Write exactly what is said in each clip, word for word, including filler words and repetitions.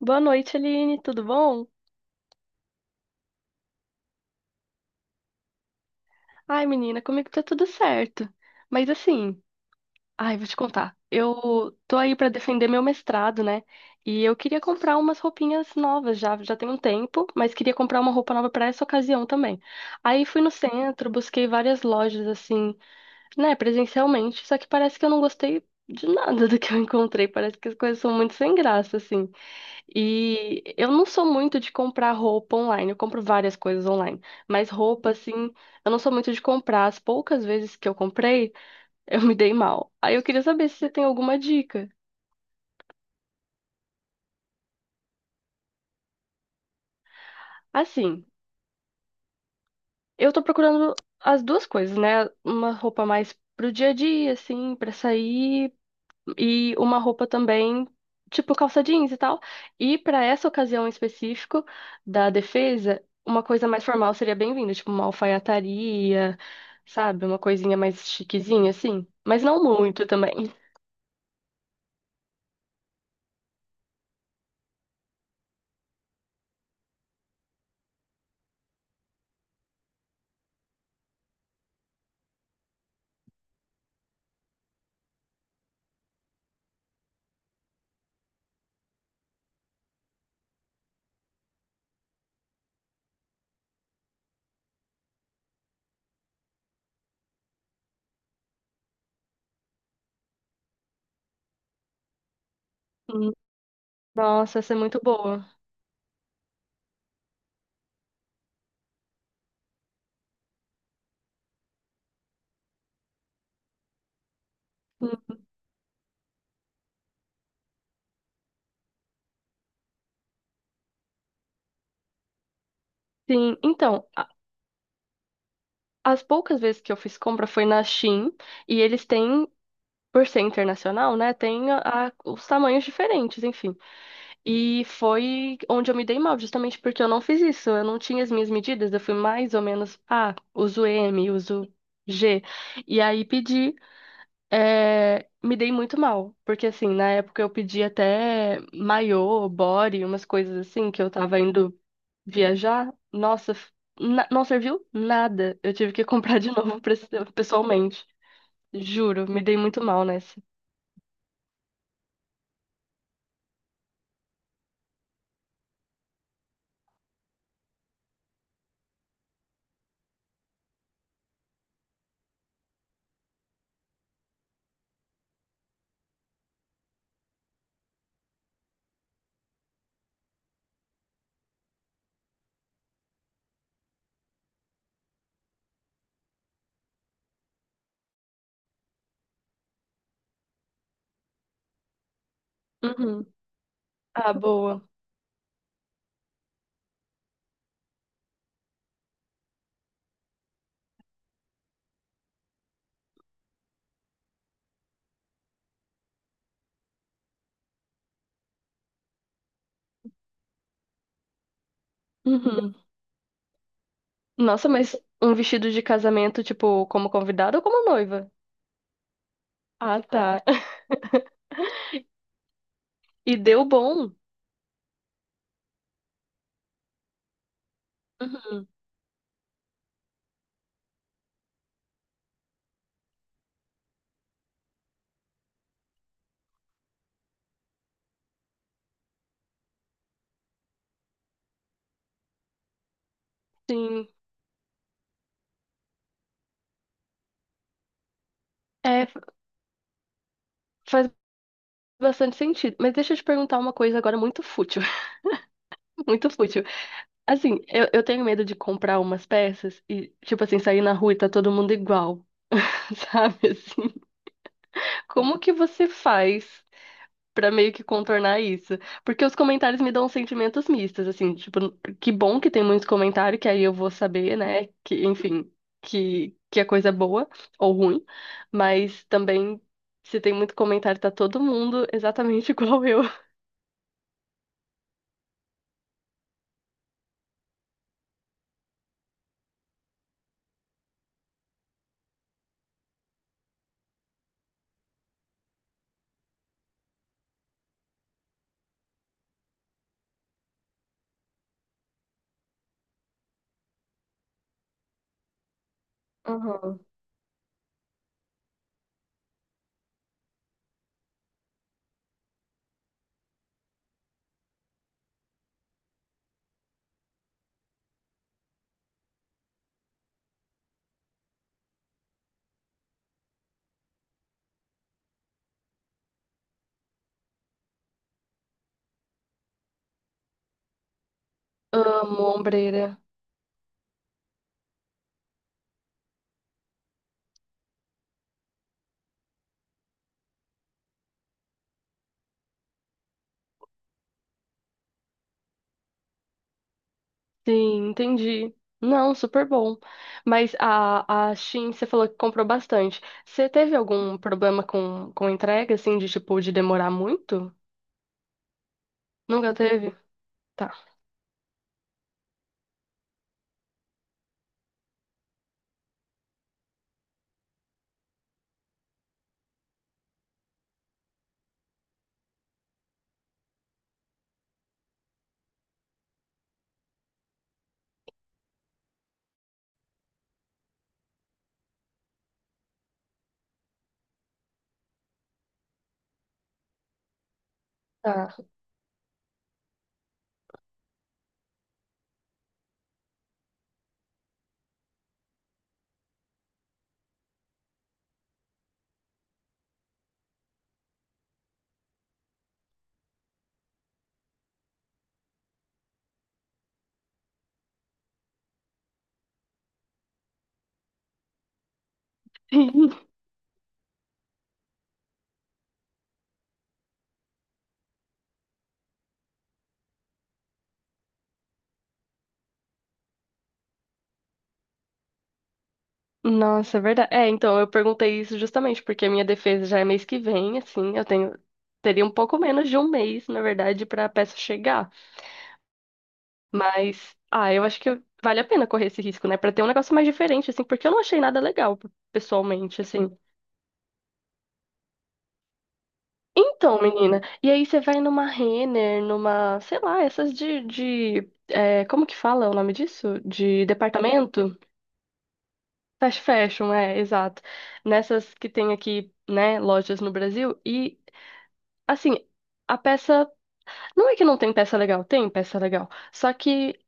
Boa noite, Aline, tudo bom? Ai, menina, comigo tá tudo certo. Mas assim, ai, vou te contar. Eu tô aí pra defender meu mestrado, né? E eu queria comprar umas roupinhas novas já, já tem um tempo, mas queria comprar uma roupa nova pra essa ocasião também. Aí fui no centro, busquei várias lojas assim, né, presencialmente, só que parece que eu não gostei de nada do que eu encontrei, parece que as coisas são muito sem graça assim. E eu não sou muito de comprar roupa online, eu compro várias coisas online, mas roupa, assim, eu não sou muito de comprar. As poucas vezes que eu comprei, eu me dei mal. Aí eu queria saber se você tem alguma dica. Assim, eu tô procurando as duas coisas, né? Uma roupa mais pro dia a dia, assim, pra sair, e uma roupa também, tipo calça jeans e tal. E para essa ocasião em específico da defesa, uma coisa mais formal seria bem-vinda, tipo uma alfaiataria, sabe? Uma coisinha mais chiquezinha, assim. Mas não muito também. Hum. Nossa, essa é muito boa. Hum. Sim, então, a- as poucas vezes que eu fiz compra foi na Shein, e eles têm, por ser internacional, né? Tem a- a- os tamanhos diferentes, enfim. E foi onde eu me dei mal, justamente porque eu não fiz isso. Eu não tinha as minhas medidas, eu fui mais ou menos, ah, uso M, uso G. E aí pedi, eh, me dei muito mal, porque assim, na época eu pedi até maiô, body, umas coisas assim, que eu tava indo viajar. Nossa, f- na- não serviu nada. Eu tive que comprar de novo pres- pessoalmente. Juro, me dei muito mal nessa. Uhum. Ah, boa. Uhum. Nossa, mas um vestido de casamento, tipo, como convidada ou como noiva? Ah, tá. E deu bom. Uhum. Sim. É, f- faz bastante sentido. Mas deixa eu te perguntar uma coisa agora muito fútil. Muito fútil. Assim, eu, eu tenho medo de comprar umas peças e, tipo assim, sair na rua e tá todo mundo igual, sabe? Assim, como que você faz? Pra meio que contornar isso. Porque os comentários me dão sentimentos mistos, assim, tipo, que bom que tem muitos comentários, que aí eu vou saber, né, que, enfim, que, que a coisa é boa ou ruim, mas também, se tem muito comentário, tá todo mundo exatamente igual eu. Uhum. Amo ombreira. Sim, entendi. Não, super bom. Mas a, a Shein, você falou que comprou bastante. Você teve algum problema com, com entrega, assim, de tipo, de demorar muito? Nunca teve? Tá. Tá. Nossa, é verdade. É, então, eu perguntei isso justamente porque a minha defesa já é mês que vem, assim, eu tenho teria um pouco menos de um mês, na verdade, pra peça chegar. Mas, ah, eu acho que vale a pena correr esse risco, né? Pra ter um negócio mais diferente, assim, porque eu não achei nada legal, pessoalmente, assim. Então, menina, e aí você vai numa Renner, numa, sei lá, essas de, de, é, como que fala o nome disso? De departamento? Fast fashion, é, exato. Nessas que tem aqui, né, lojas no Brasil. E, assim, a peça. Não é que não tem peça legal, tem peça legal. Só que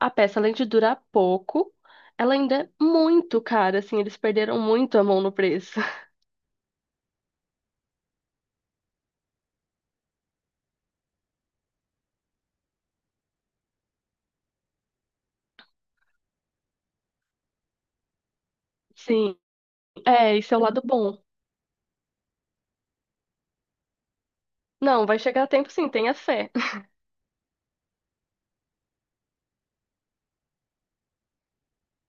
a peça, além de durar pouco, ela ainda é muito cara, assim, eles perderam muito a mão no preço. Sim, é, esse é o lado bom. Não, vai chegar a tempo sim, tenha fé.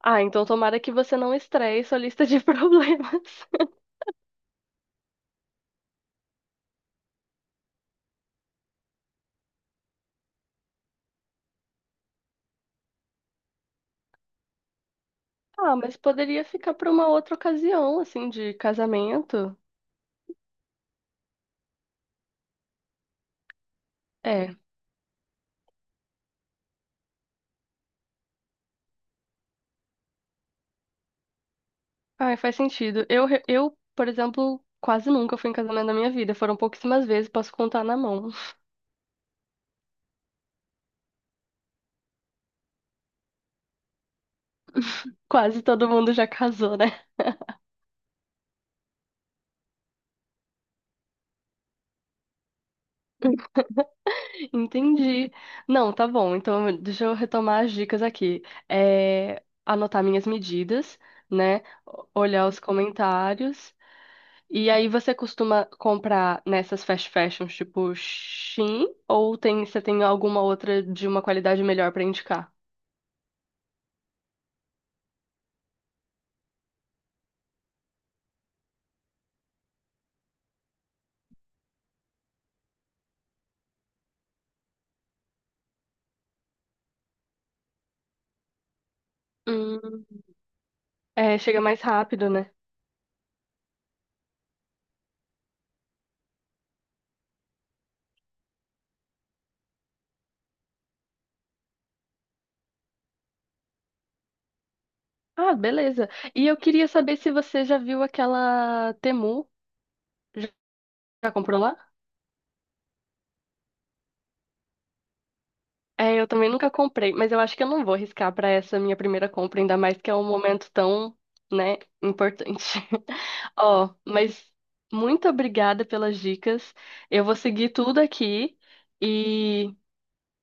Ah, então tomara que você não estreie sua lista de problemas. Ah, mas poderia ficar para uma outra ocasião, assim, de casamento. É. Ai, faz sentido. Eu, re- eu, por exemplo, quase nunca fui em casamento na minha vida. Foram pouquíssimas vezes, posso contar na mão. Quase todo mundo já casou, né? Entendi. Não, tá bom. Então, deixa eu retomar as dicas aqui. É, anotar minhas medidas, né? O- Olhar os comentários. E aí, você costuma comprar nessas fast fashions, tipo Shein? Ou tem, você tem alguma outra de uma qualidade melhor pra indicar? Hum, é, chega mais rápido, né? Ah, beleza. E eu queria saber se você já viu aquela Temu. Já Já comprou lá? É, eu também nunca comprei, mas eu acho que eu não vou arriscar para essa minha primeira compra, ainda mais que é um momento tão, né, importante. Ó, mas muito obrigada pelas dicas. Eu vou seguir tudo aqui e,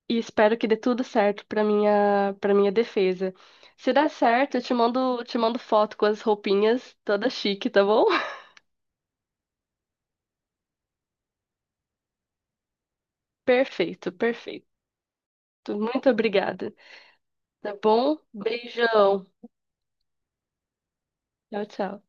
e espero que dê tudo certo para minha para minha defesa. Se dar certo, eu te mando te mando foto com as roupinhas toda chique, tá bom? Perfeito, perfeito. Muito obrigada. Tá bom? Beijão. Tchau, tchau.